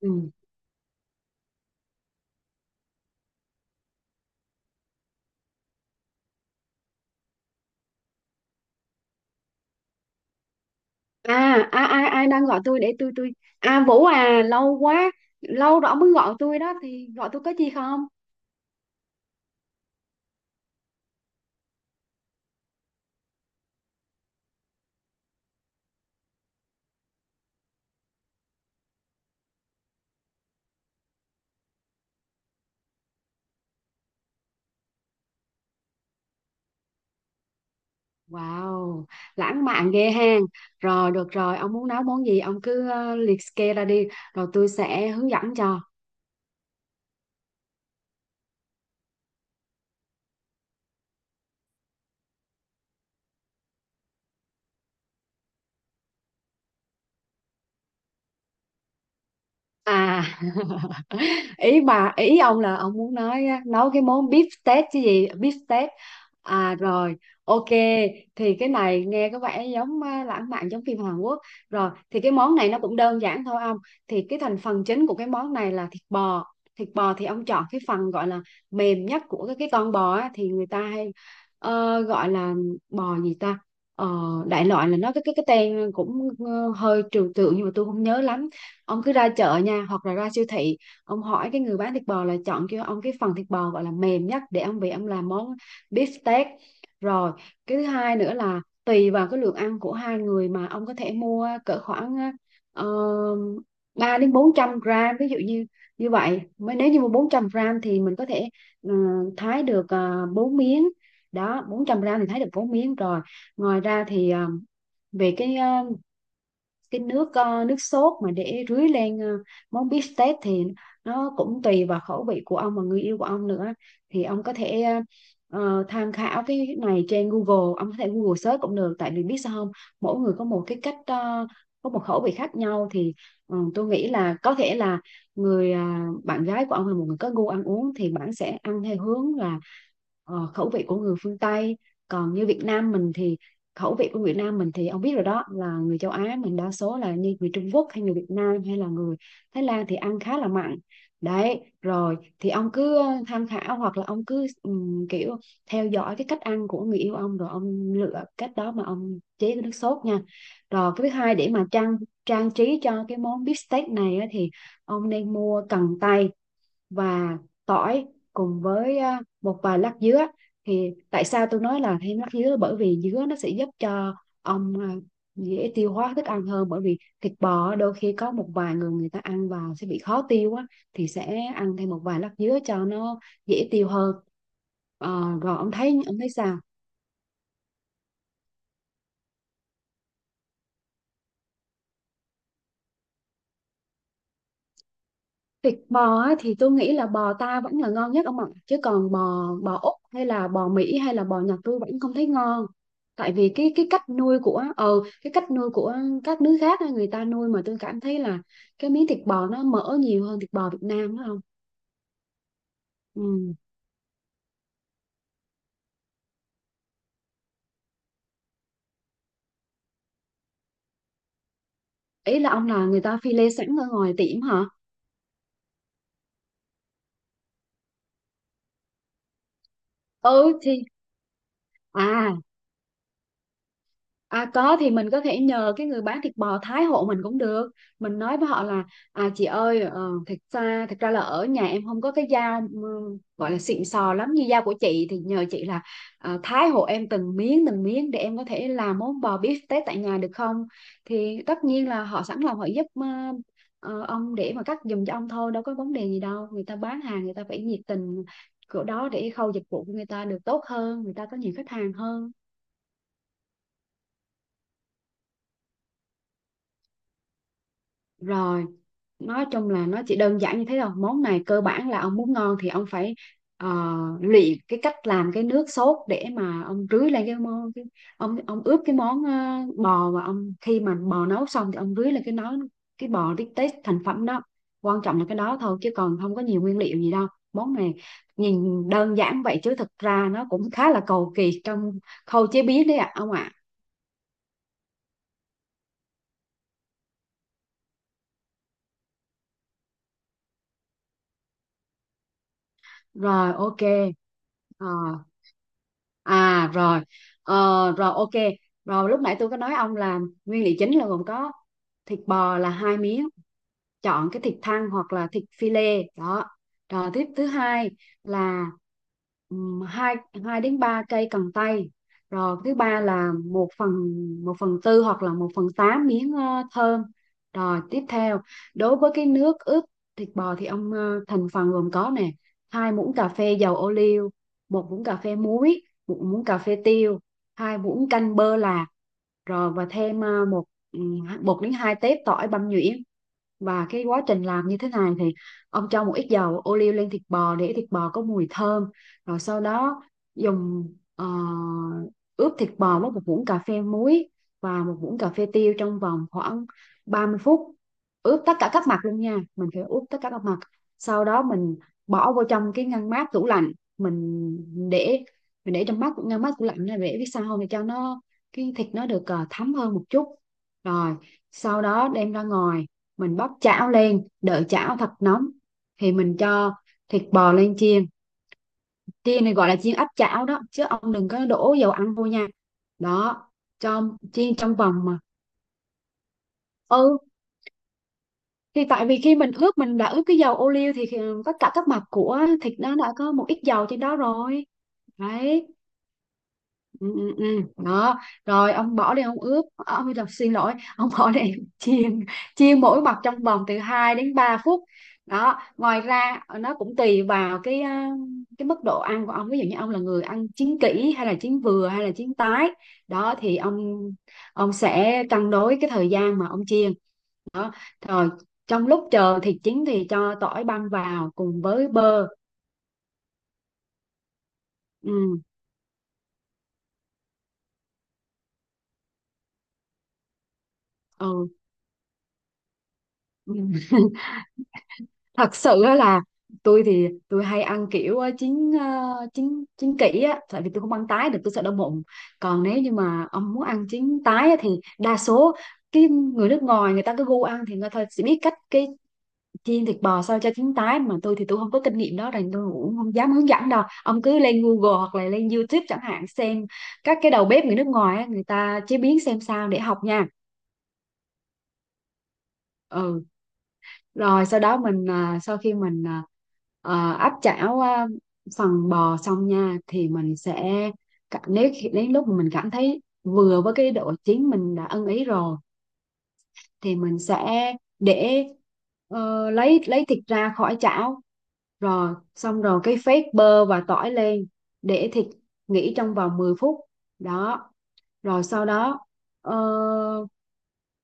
Ừ. À, ai ai ai đang gọi. Tôi để tôi à, Vũ à, lâu rồi ông mới gọi tôi đó, thì gọi tôi có gì không? Wow, lãng mạn ghê ha. Rồi, được rồi, ông muốn nấu món gì ông cứ liệt kê ra đi, rồi tôi sẽ hướng dẫn cho. À, ý ông là ông muốn nói á, nấu cái món beef steak chứ gì? Beef steak. À rồi, ok. Thì cái này nghe có vẻ giống lãng mạn, giống phim Hàn Quốc. Rồi thì cái món này nó cũng đơn giản thôi ông. Thì cái thành phần chính của cái món này là thịt bò. Thịt bò thì ông chọn cái phần gọi là mềm nhất của cái con bò á, thì người ta hay gọi là bò gì ta. Ờ, Đại loại là nó cái tên cũng hơi trừu tượng, nhưng mà tôi không nhớ lắm. Ông cứ ra chợ nha, hoặc là ra siêu thị ông hỏi cái người bán thịt bò là chọn cho ông cái phần thịt bò gọi là mềm nhất, để ông về ông làm món beef steak. Rồi, cái thứ hai nữa là tùy vào cái lượng ăn của hai người mà ông có thể mua cỡ khoảng uh, 3 đến 400 gram. Ví dụ như, như vậy mới nếu như mua 400 gram thì mình có thể ờ, thái được 4 miếng. Đó, 400 gram thì thái được 4 miếng. Rồi ngoài ra thì, về cái nước sốt mà để rưới lên món bít tết thì nó cũng tùy vào khẩu vị của ông và người yêu của ông nữa. Thì ông có thể tham khảo cái này trên Google, ông có thể Google search cũng được, tại vì biết sao không, mỗi người có một có một khẩu vị khác nhau. Thì tôi nghĩ là có thể là bạn gái của ông là một người có gu ăn uống, thì bạn sẽ ăn theo hướng là khẩu vị của người phương Tây. Còn như Việt Nam mình thì khẩu vị của Việt Nam mình thì ông biết rồi đó, là người châu Á mình đa số là như người Trung Quốc, hay người Việt Nam, hay là người Thái Lan, thì ăn khá là mặn. Đấy, rồi thì ông cứ tham khảo, hoặc là ông cứ kiểu theo dõi cái cách ăn của người yêu ông, rồi ông lựa cách đó mà ông chế cái nước sốt nha. Rồi cái thứ hai, để mà trang trang trí cho cái món bít tết này á, thì ông nên mua cần tây và tỏi, cùng với một vài lát dứa. Thì tại sao tôi nói là thêm lát dứa? Bởi vì dứa nó sẽ giúp cho ông dễ tiêu hóa thức ăn hơn, bởi vì thịt bò đôi khi có một vài người người ta ăn vào sẽ bị khó tiêu á, thì sẽ ăn thêm một vài lát dứa cho nó dễ tiêu hơn. Rồi ông thấy sao? Thịt bò á, thì tôi nghĩ là bò ta vẫn là ngon nhất ông ạ. Chứ còn bò bò Úc hay là bò Mỹ hay là bò Nhật tôi vẫn không thấy ngon. Tại vì cái cách nuôi của cái cách nuôi của các nước khác á, người ta nuôi mà tôi cảm thấy là cái miếng thịt bò nó mỡ nhiều hơn thịt bò Việt Nam đó không? Ừ. Ý là ông là người ta phi lê sẵn ở ngoài tiệm hả? Ừ thì, à À, có thì mình có thể nhờ cái người bán thịt bò thái hộ mình cũng được. Mình nói với họ là, chị ơi, thật ra là ở nhà em không có cái dao gọi là xịn sò lắm như dao của chị, thì nhờ chị là thái hộ em từng miếng để em có thể làm món bò beef tết tại nhà được không? Thì tất nhiên là họ sẵn lòng họ giúp ông, để mà cắt giùm cho ông thôi, đâu có vấn đề gì đâu. Người ta bán hàng, người ta phải nhiệt tình chỗ đó để khâu dịch vụ của người ta được tốt hơn, người ta có nhiều khách hàng hơn. Rồi, nói chung là nó chỉ đơn giản như thế thôi. Món này cơ bản là ông muốn ngon thì ông phải ờ, luyện cái cách làm cái nước sốt để mà ông rưới lên cái món. Ông ướp cái món bò, và ông khi mà bò nấu xong thì ông rưới lên cái bò tết thành phẩm đó. Quan trọng là cái đó thôi, chứ còn không có nhiều nguyên liệu gì đâu. Món này nhìn đơn giản vậy chứ thực ra nó cũng khá là cầu kỳ trong khâu chế biến đấy ạ ông ạ. Rồi ok. Ờ, À rồi. Ờ, Rồi ok. Rồi lúc nãy tôi có nói ông là nguyên liệu chính là gồm có thịt bò là hai miếng, chọn cái thịt thăn hoặc là thịt phi lê đó. Rồi tiếp thứ hai là, hai hai đến ba cây cần tây. Rồi thứ ba là một phần tư hoặc là một phần tám miếng thơm. Rồi tiếp theo, đối với cái nước ướp thịt bò thì ông, thành phần gồm có nè: hai muỗng cà phê dầu ô liu, một muỗng cà phê muối, một muỗng cà phê tiêu, hai muỗng canh bơ lạc. Rồi và thêm ờ, một một đến hai tép tỏi băm nhuyễn. Và cái quá trình làm như thế này thì ông cho một ít dầu ô liu lên thịt bò để thịt bò có mùi thơm. Rồi sau đó dùng, ờ, ướp thịt bò với một muỗng cà phê muối và một muỗng cà phê tiêu trong vòng khoảng 30 phút. Ướp tất cả các mặt luôn nha, mình phải ướp tất cả các mặt. Sau đó mình bỏ vô trong cái ngăn mát tủ lạnh. mình để mình để trong mát ngăn mát tủ lạnh này để biết sao không, để cho nó cái thịt nó được thấm hơn một chút. Rồi sau đó đem ra ngoài, mình bóc chảo lên đợi chảo thật nóng, thì mình cho thịt bò lên chiên. Chiên này gọi là chiên áp chảo đó, chứ ông đừng có đổ dầu ăn vô nha. Đó, cho chiên trong vòng mà, ừ. Thì tại vì khi mình ướp mình đã ướp cái dầu ô liu thì tất cả các mặt của thịt nó đã có một ít dầu trên đó rồi. Đấy. Ừ, ừ, ừ. Đó. Rồi ông bỏ đi, ông ướp à, ông làm xin lỗi, ông bỏ đi chiên chiên mỗi mặt trong vòng từ 2 đến 3 phút. Đó, ngoài ra nó cũng tùy vào cái mức độ ăn của ông. Ví dụ như ông là người ăn chín kỹ hay là chín vừa hay là chín tái, đó thì ông sẽ cân đối cái thời gian mà ông chiên đó. Rồi trong lúc chờ thịt chín thì cho tỏi băm vào cùng với bơ. Ừ, ừ, ừ. Thật sự á là tôi thì tôi hay ăn kiểu ờ, chín chín kỹ á, tại vì tôi không ăn tái được, tôi sợ đau bụng. Còn nếu như mà ông muốn ăn chín tái á, thì đa số cái người nước ngoài người ta cứ gu ăn thì người ta sẽ biết cách chiên thịt bò sao cho chín tái. Mà tôi thì tôi không có kinh nghiệm đó, nên tôi cũng không dám hướng dẫn đâu, ông cứ lên Google hoặc là lên YouTube chẳng hạn, xem các cái đầu bếp người nước ngoài á, người ta chế biến xem sao để học nha. Ừ, rồi sau đó sau khi mình áp chảo phần bò xong nha, thì mình sẽ đến lúc mà mình cảm thấy vừa với cái độ chín mình đã ưng ý rồi, thì mình sẽ để lấy thịt ra khỏi chảo. Rồi xong rồi cái phết bơ và tỏi lên, để thịt nghỉ trong vòng 10 phút. Đó, rồi sau đó ờ,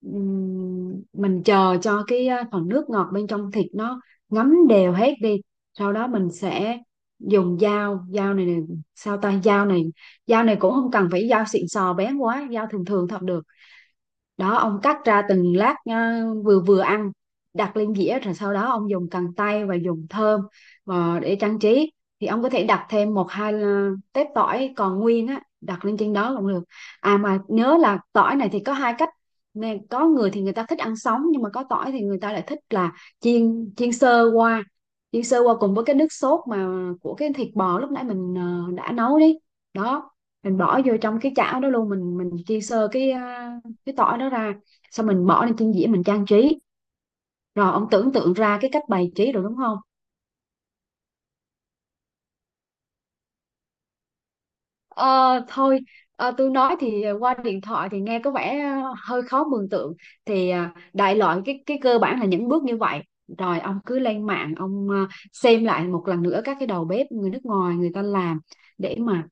mình chờ cho cái phần nước ngọt bên trong thịt nó ngấm đều hết đi. Sau đó mình sẽ dùng dao dao này, này, sao ta dao này cũng không cần phải dao xịn sò bén quá, dao thường thường thật được. Đó, ông cắt ra từng lát vừa vừa ăn, đặt lên dĩa. Rồi sau đó ông dùng cần tây và dùng thơm và để trang trí, thì ông có thể đặt thêm một hai tép tỏi còn nguyên á đặt lên trên đó cũng được. À mà nhớ là tỏi này thì có hai cách nè: có người thì người ta thích ăn sống, nhưng mà có tỏi thì người ta lại thích là chiên chiên sơ qua, chiên sơ qua cùng với cái nước sốt mà của cái thịt bò lúc nãy mình đã nấu đi. Đó, mình bỏ vô trong cái chảo đó luôn, mình chiên sơ cái tỏi đó ra. Xong mình bỏ lên trên dĩa mình trang trí. Rồi ông tưởng tượng ra cái cách bày trí rồi đúng không? ờ Thôi, tôi nói thì qua điện thoại thì nghe có vẻ hơi khó mường tượng. Thì đại loại cái cơ bản là những bước như vậy. Rồi ông cứ lên mạng, ông xem lại một lần nữa các cái đầu bếp người nước ngoài người ta làm, để mà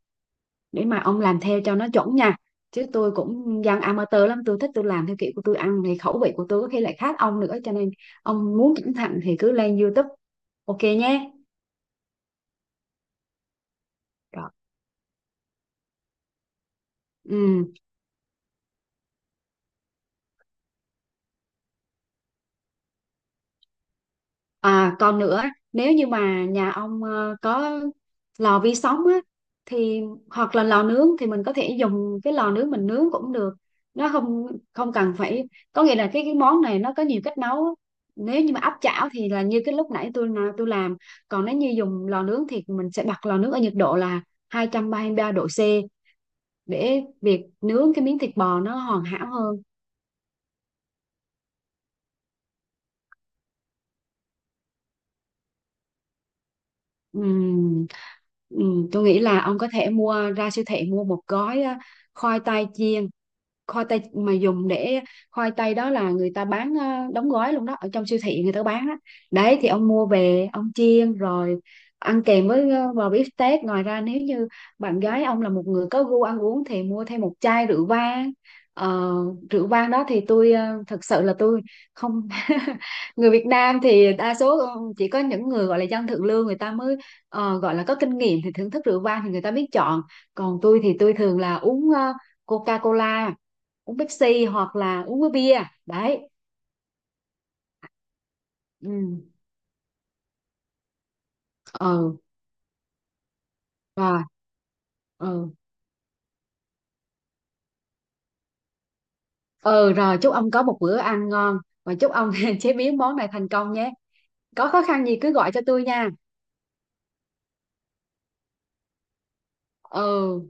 để mà ông làm theo cho nó chuẩn nha. Chứ tôi cũng dân amateur lắm, tôi thích tôi làm theo kiểu của tôi ăn, thì khẩu vị của tôi có khi lại khác ông nữa, cho nên ông muốn cẩn thận thì cứ lên YouTube. Ok nhé. Rồi. Ừ. À còn nữa, nếu như mà nhà ông có lò vi sóng á, thì hoặc là lò nướng thì mình có thể dùng cái lò nướng mình nướng cũng được. Nó không, không cần phải, có nghĩa là cái món này nó có nhiều cách nấu. Nếu như mà áp chảo thì là như cái lúc nãy tôi làm. Còn nếu như dùng lò nướng thì mình sẽ bật lò nướng ở nhiệt độ là 233 độ C, để việc nướng cái miếng thịt bò nó hoàn hảo hơn. Ừm, tôi nghĩ là ông có thể mua ra siêu thị, mua một gói khoai tây chiên. Khoai tây mà dùng để Khoai tây đó là người ta bán đóng gói luôn đó ở trong siêu thị người ta bán đó. Đấy thì ông mua về ông chiên rồi ăn kèm với bò bít tết. Ngoài ra nếu như bạn gái ông là một người có gu ăn uống thì mua thêm một chai rượu vang. Ờ, Rượu vang đó thì tôi, thật sự là tôi không. Người Việt Nam thì đa số chỉ có những người gọi là dân thượng lưu người ta mới gọi là có kinh nghiệm thì thưởng thức rượu vang thì người ta biết chọn. Còn tôi thì tôi thường là uống Coca-Cola, uống Pepsi, hoặc là uống với bia. Đấy. Ừ, ừ. Rồi. Ừ, ừ. Rồi chúc ông có một bữa ăn ngon, và chúc ông chế biến món này thành công nhé, có khó khăn gì cứ gọi cho tôi nha. Ừ.